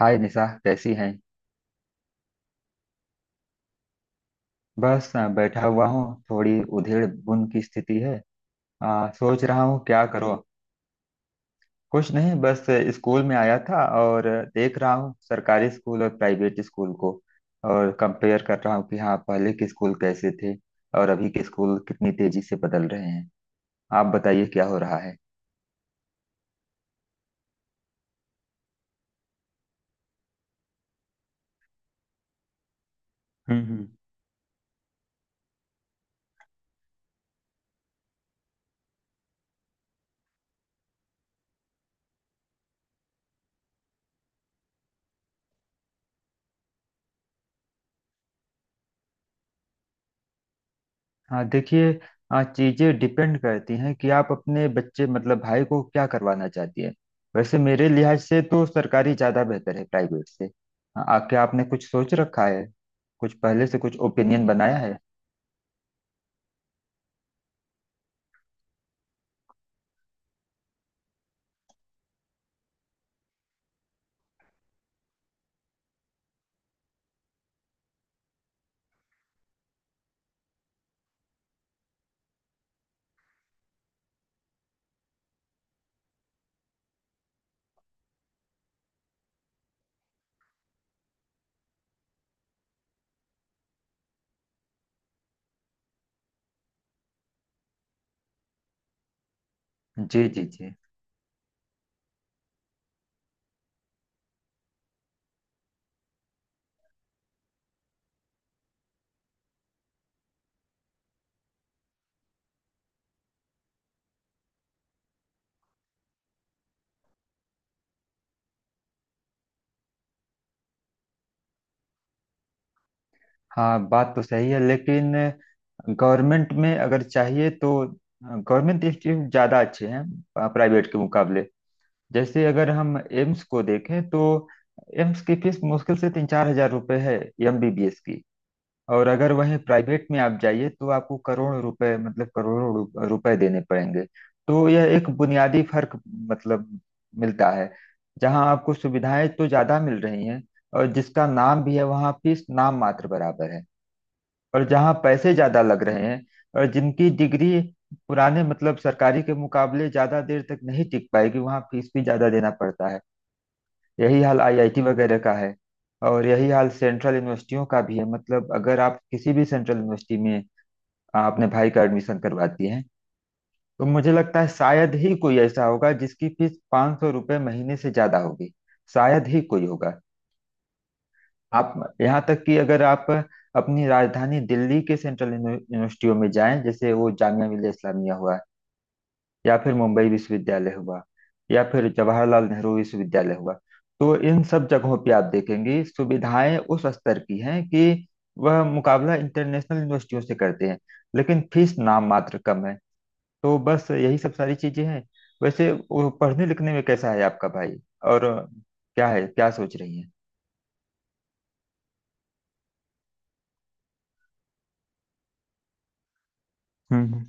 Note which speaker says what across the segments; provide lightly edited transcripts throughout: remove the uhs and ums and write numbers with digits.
Speaker 1: हाय निशा, कैसी हैं। बस बैठा हुआ हूँ। थोड़ी उधेड़ बुन की स्थिति है। सोच रहा हूँ क्या करो। कुछ नहीं, बस स्कूल में आया था, और देख रहा हूँ सरकारी स्कूल और प्राइवेट स्कूल को। और कंपेयर कर रहा हूँ कि हाँ पहले के स्कूल कैसे थे और अभी के स्कूल कितनी तेजी से बदल रहे हैं। आप बताइए क्या हो रहा है। हम्म हम्म। हाँ देखिए, चीजें डिपेंड करती हैं कि आप अपने बच्चे मतलब भाई को क्या करवाना चाहती हैं। वैसे मेरे लिहाज से तो सरकारी ज्यादा बेहतर है प्राइवेट से। हाँ, क्या आपने कुछ सोच रखा है, कुछ पहले से कुछ ओपिनियन बनाया है। जी जी जी। हाँ बात तो सही है, लेकिन गवर्नमेंट में अगर चाहिए तो गवर्नमेंट इंस्टीट्यूट ज़्यादा अच्छे हैं प्राइवेट के मुकाबले। जैसे अगर हम एम्स को देखें तो एम्स की फीस मुश्किल से 3-4 हज़ार रुपये है, एमबीबीएस की। और अगर वहीं प्राइवेट में आप जाइए तो आपको करोड़ों रुपए, मतलब करोड़ों रुपए देने पड़ेंगे। तो यह एक बुनियादी फर्क मतलब मिलता है। जहां आपको सुविधाएं तो ज्यादा मिल रही हैं और जिसका नाम भी है, वहां फीस नाम मात्र बराबर है। और जहां पैसे ज्यादा लग रहे हैं और जिनकी डिग्री पुराने मतलब सरकारी के मुकाबले ज्यादा देर तक नहीं टिक पाएगी, वहां फीस भी ज्यादा देना पड़ता है। यही हाल आईआईटी वगैरह का है। और यही हाल सेंट्रल यूनिवर्सिटियों का भी है। मतलब अगर आप किसी भी सेंट्रल यूनिवर्सिटी में अपने भाई का एडमिशन करवाती हैं, तो मुझे लगता है शायद ही कोई ऐसा होगा जिसकी फीस 500 रुपये महीने से ज़्यादा होगी। शायद ही कोई होगा। आप, यहाँ तक कि अगर आप अपनी राजधानी दिल्ली के सेंट्रल यूनिवर्सिटियों में जाएं, जैसे वो जामिया मिल्लिया इस्लामिया हुआ, या फिर मुंबई विश्वविद्यालय हुआ, या फिर जवाहरलाल नेहरू विश्वविद्यालय हुआ, तो इन सब जगहों पे आप देखेंगे सुविधाएं उस स्तर की हैं कि वह मुकाबला इंटरनेशनल यूनिवर्सिटियों से करते हैं, लेकिन फीस नाम मात्र कम है। तो बस यही सब सारी चीजें हैं। वैसे वो पढ़ने लिखने में कैसा है आपका भाई, और क्या है, क्या सोच रही है। हम्म।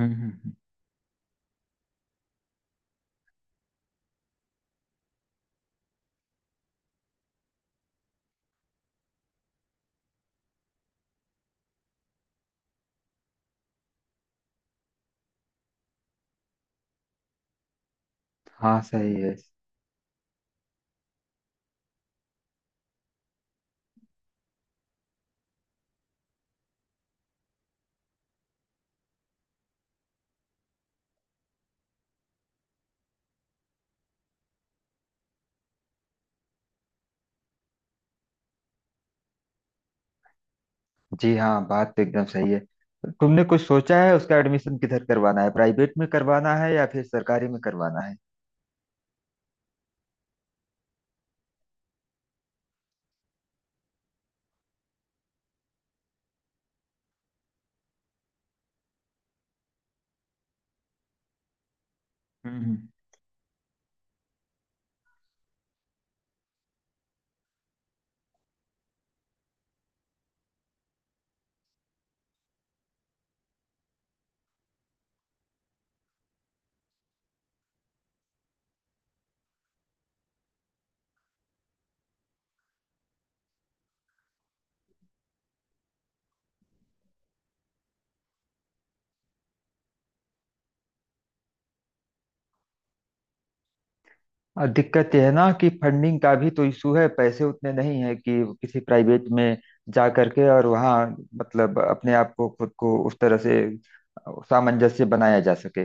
Speaker 1: हम्म, हम्म। हाँ सही है। जी हाँ, बात तो एकदम सही है। तुमने कुछ सोचा है उसका एडमिशन किधर करवाना है, प्राइवेट में करवाना है या फिर सरकारी में करवाना है। हम्म। और दिक्कत यह है ना कि फंडिंग का भी तो इशू है, पैसे उतने नहीं है कि किसी प्राइवेट में जा करके और वहाँ मतलब अपने आप को खुद को उस तरह से सामंजस्य बनाया जा सके।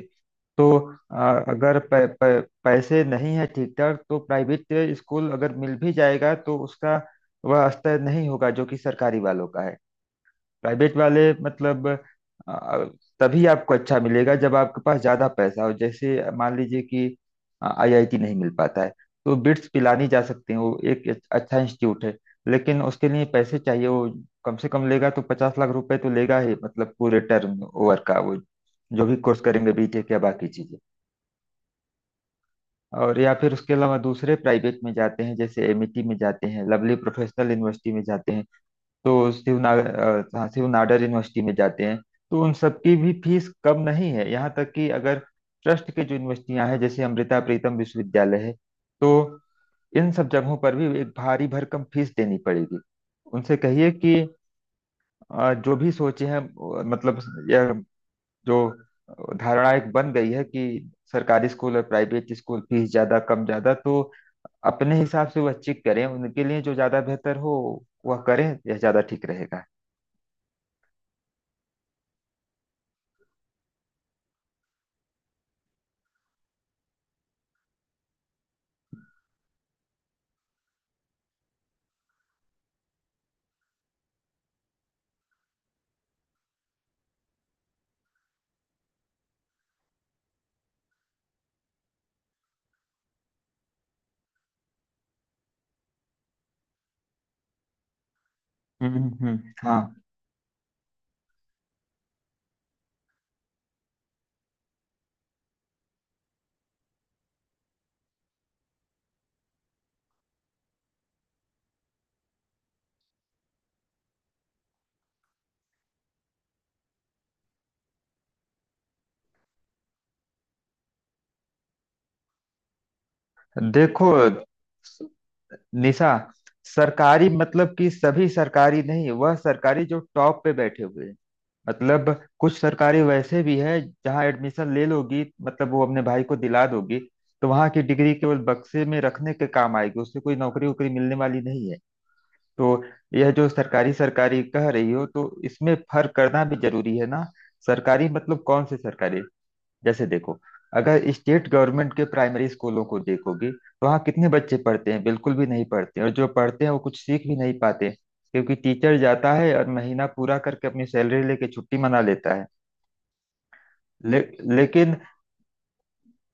Speaker 1: तो अगर प, पैसे नहीं है ठीक ठाक, तो प्राइवेट स्कूल अगर मिल भी जाएगा तो उसका वह स्तर नहीं होगा जो कि सरकारी वालों का है। प्राइवेट वाले मतलब अ, तभी आपको अच्छा मिलेगा जब आपके पास ज्यादा पैसा हो। जैसे मान लीजिए कि आईआईटी नहीं मिल पाता है, तो बिट्स पिलानी जा सकते हैं, वो एक अच्छा इंस्टीट्यूट है। लेकिन उसके लिए पैसे चाहिए। वो कम से कम लेगा तो 50 लाख रुपए तो लेगा ही, मतलब पूरे टर्म ओवर का, वो जो भी कोर्स करेंगे बीटेक या बाकी चीजें। और या फिर उसके अलावा दूसरे प्राइवेट में जाते हैं, जैसे एमिटी में जाते हैं, लवली प्रोफेशनल यूनिवर्सिटी में जाते हैं, तो शिवनाडर यूनिवर्सिटी में जाते हैं, तो उन सबकी भी फीस कम नहीं है। यहाँ तक कि अगर ट्रस्ट के जो यूनिवर्सिटियां हैं, जैसे अमृता प्रीतम विश्वविद्यालय है, तो इन सब जगहों पर भी एक भारी भरकम फीस देनी पड़ेगी। उनसे कहिए कि जो भी सोचे हैं, मतलब यह जो धारणा एक बन गई है कि सरकारी स्कूल और प्राइवेट स्कूल फीस ज्यादा कम ज्यादा, तो अपने हिसाब से वह चेक करें, उनके लिए जो ज्यादा बेहतर हो वह करें, यह ज्यादा ठीक रहेगा। हाँ। देखो निशा, सरकारी मतलब कि सभी सरकारी नहीं, वह सरकारी जो टॉप पे बैठे हुए हैं। मतलब कुछ सरकारी वैसे भी है जहाँ एडमिशन ले लोगी मतलब वो अपने भाई को दिला दोगी, तो वहाँ की डिग्री केवल बक्से में रखने के काम आएगी, उससे कोई नौकरी वोकरी मिलने वाली नहीं है। तो यह जो सरकारी सरकारी कह रही हो, तो इसमें फर्क करना भी जरूरी है ना। सरकारी मतलब कौन से सरकारी। जैसे देखो, अगर स्टेट गवर्नमेंट के प्राइमरी स्कूलों को देखोगे तो वहाँ कितने बच्चे पढ़ते हैं, बिल्कुल भी नहीं पढ़ते। और जो पढ़ते हैं वो कुछ सीख भी नहीं पाते क्योंकि टीचर जाता है और महीना पूरा करके अपनी सैलरी लेके छुट्टी मना लेता है। ले, लेकिन,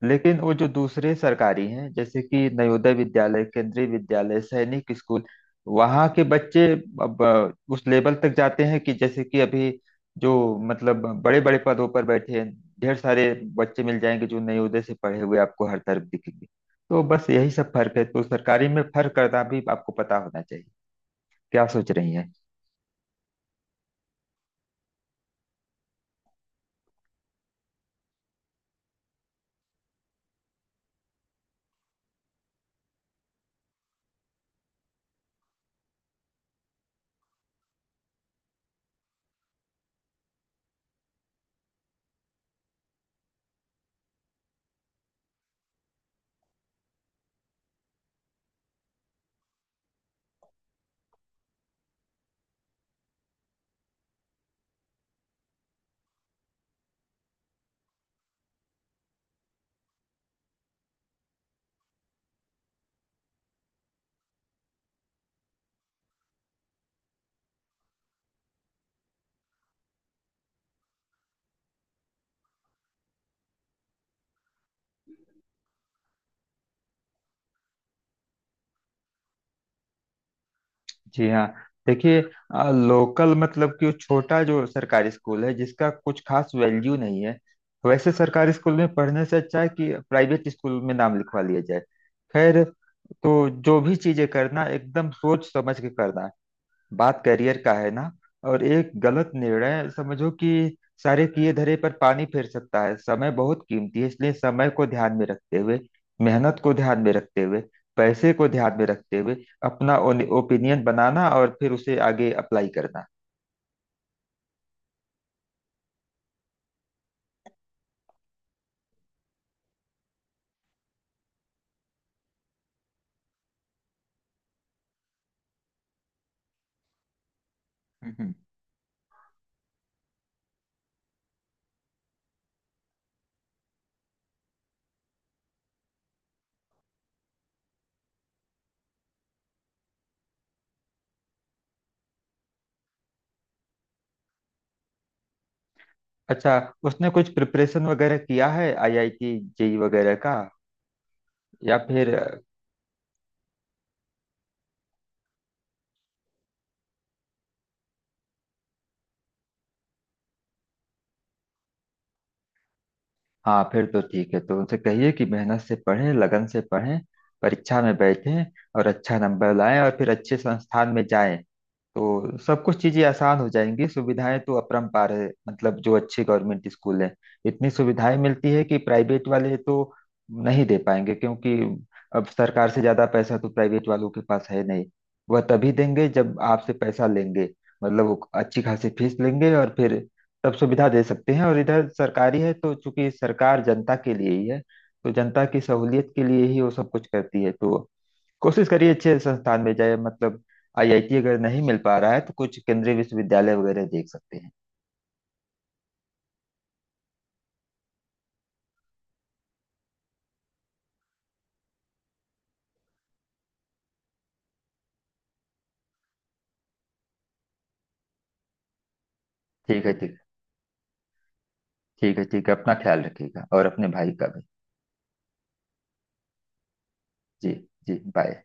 Speaker 1: लेकिन वो जो दूसरे सरकारी हैं, जैसे कि नवोदय विद्यालय, केंद्रीय विद्यालय, सैनिक स्कूल, वहाँ के बच्चे अब उस लेवल तक जाते हैं कि जैसे कि अभी जो मतलब बड़े बड़े पदों पर बैठे हैं, ढेर सारे बच्चे मिल जाएंगे जो नवोदय से पढ़े हुए आपको हर तरफ दिखेंगे। तो बस यही सब फर्क है, तो सरकारी में फर्क करना भी आपको पता होना चाहिए। क्या सोच रही हैं। जी हाँ, देखिए, लोकल मतलब कि वो छोटा जो सरकारी स्कूल है जिसका कुछ खास वैल्यू नहीं है, वैसे सरकारी स्कूल में पढ़ने से अच्छा है कि प्राइवेट स्कूल में नाम लिखवा लिया जाए। खैर, तो जो भी चीजें करना एकदम सोच समझ के करना। बात करियर का है ना, और एक गलत निर्णय समझो कि सारे किए धरे पर पानी फेर सकता है। समय बहुत कीमती है, इसलिए समय को ध्यान में रखते हुए, मेहनत को ध्यान में रखते हुए, पैसे को ध्यान में रखते हुए अपना ओपिनियन बनाना और फिर उसे आगे अप्लाई करना। हम्म। अच्छा, उसने कुछ प्रिपरेशन वगैरह किया है आईआईटी जेई वगैरह का, या फिर? हाँ फिर तो ठीक है। तो उनसे कहिए कि मेहनत से पढ़ें, लगन से पढ़ें, परीक्षा में बैठें और अच्छा नंबर लाएं और फिर अच्छे संस्थान में जाएं। तो सब कुछ चीजें आसान हो जाएंगी। सुविधाएं तो अपरंपार है, मतलब जो अच्छे गवर्नमेंट स्कूल हैं इतनी सुविधाएं मिलती है कि प्राइवेट वाले तो नहीं दे पाएंगे। क्योंकि अब सरकार से ज्यादा पैसा तो प्राइवेट वालों के पास है नहीं, वह तभी देंगे जब आपसे पैसा लेंगे। मतलब वो अच्छी खासी फीस लेंगे और फिर तब सुविधा दे सकते हैं। और इधर सरकारी है, तो चूंकि सरकार जनता के लिए ही है, तो जनता की सहूलियत के लिए ही वो सब कुछ करती है। तो कोशिश करिए अच्छे संस्थान में जाए, मतलब आईआईटी अगर नहीं मिल पा रहा है तो कुछ केंद्रीय विश्वविद्यालय वगैरह देख सकते हैं। ठीक है, ठीक। ठीक है, ठीक है, अपना ख्याल रखिएगा और अपने भाई का भी। जी। जी बाय।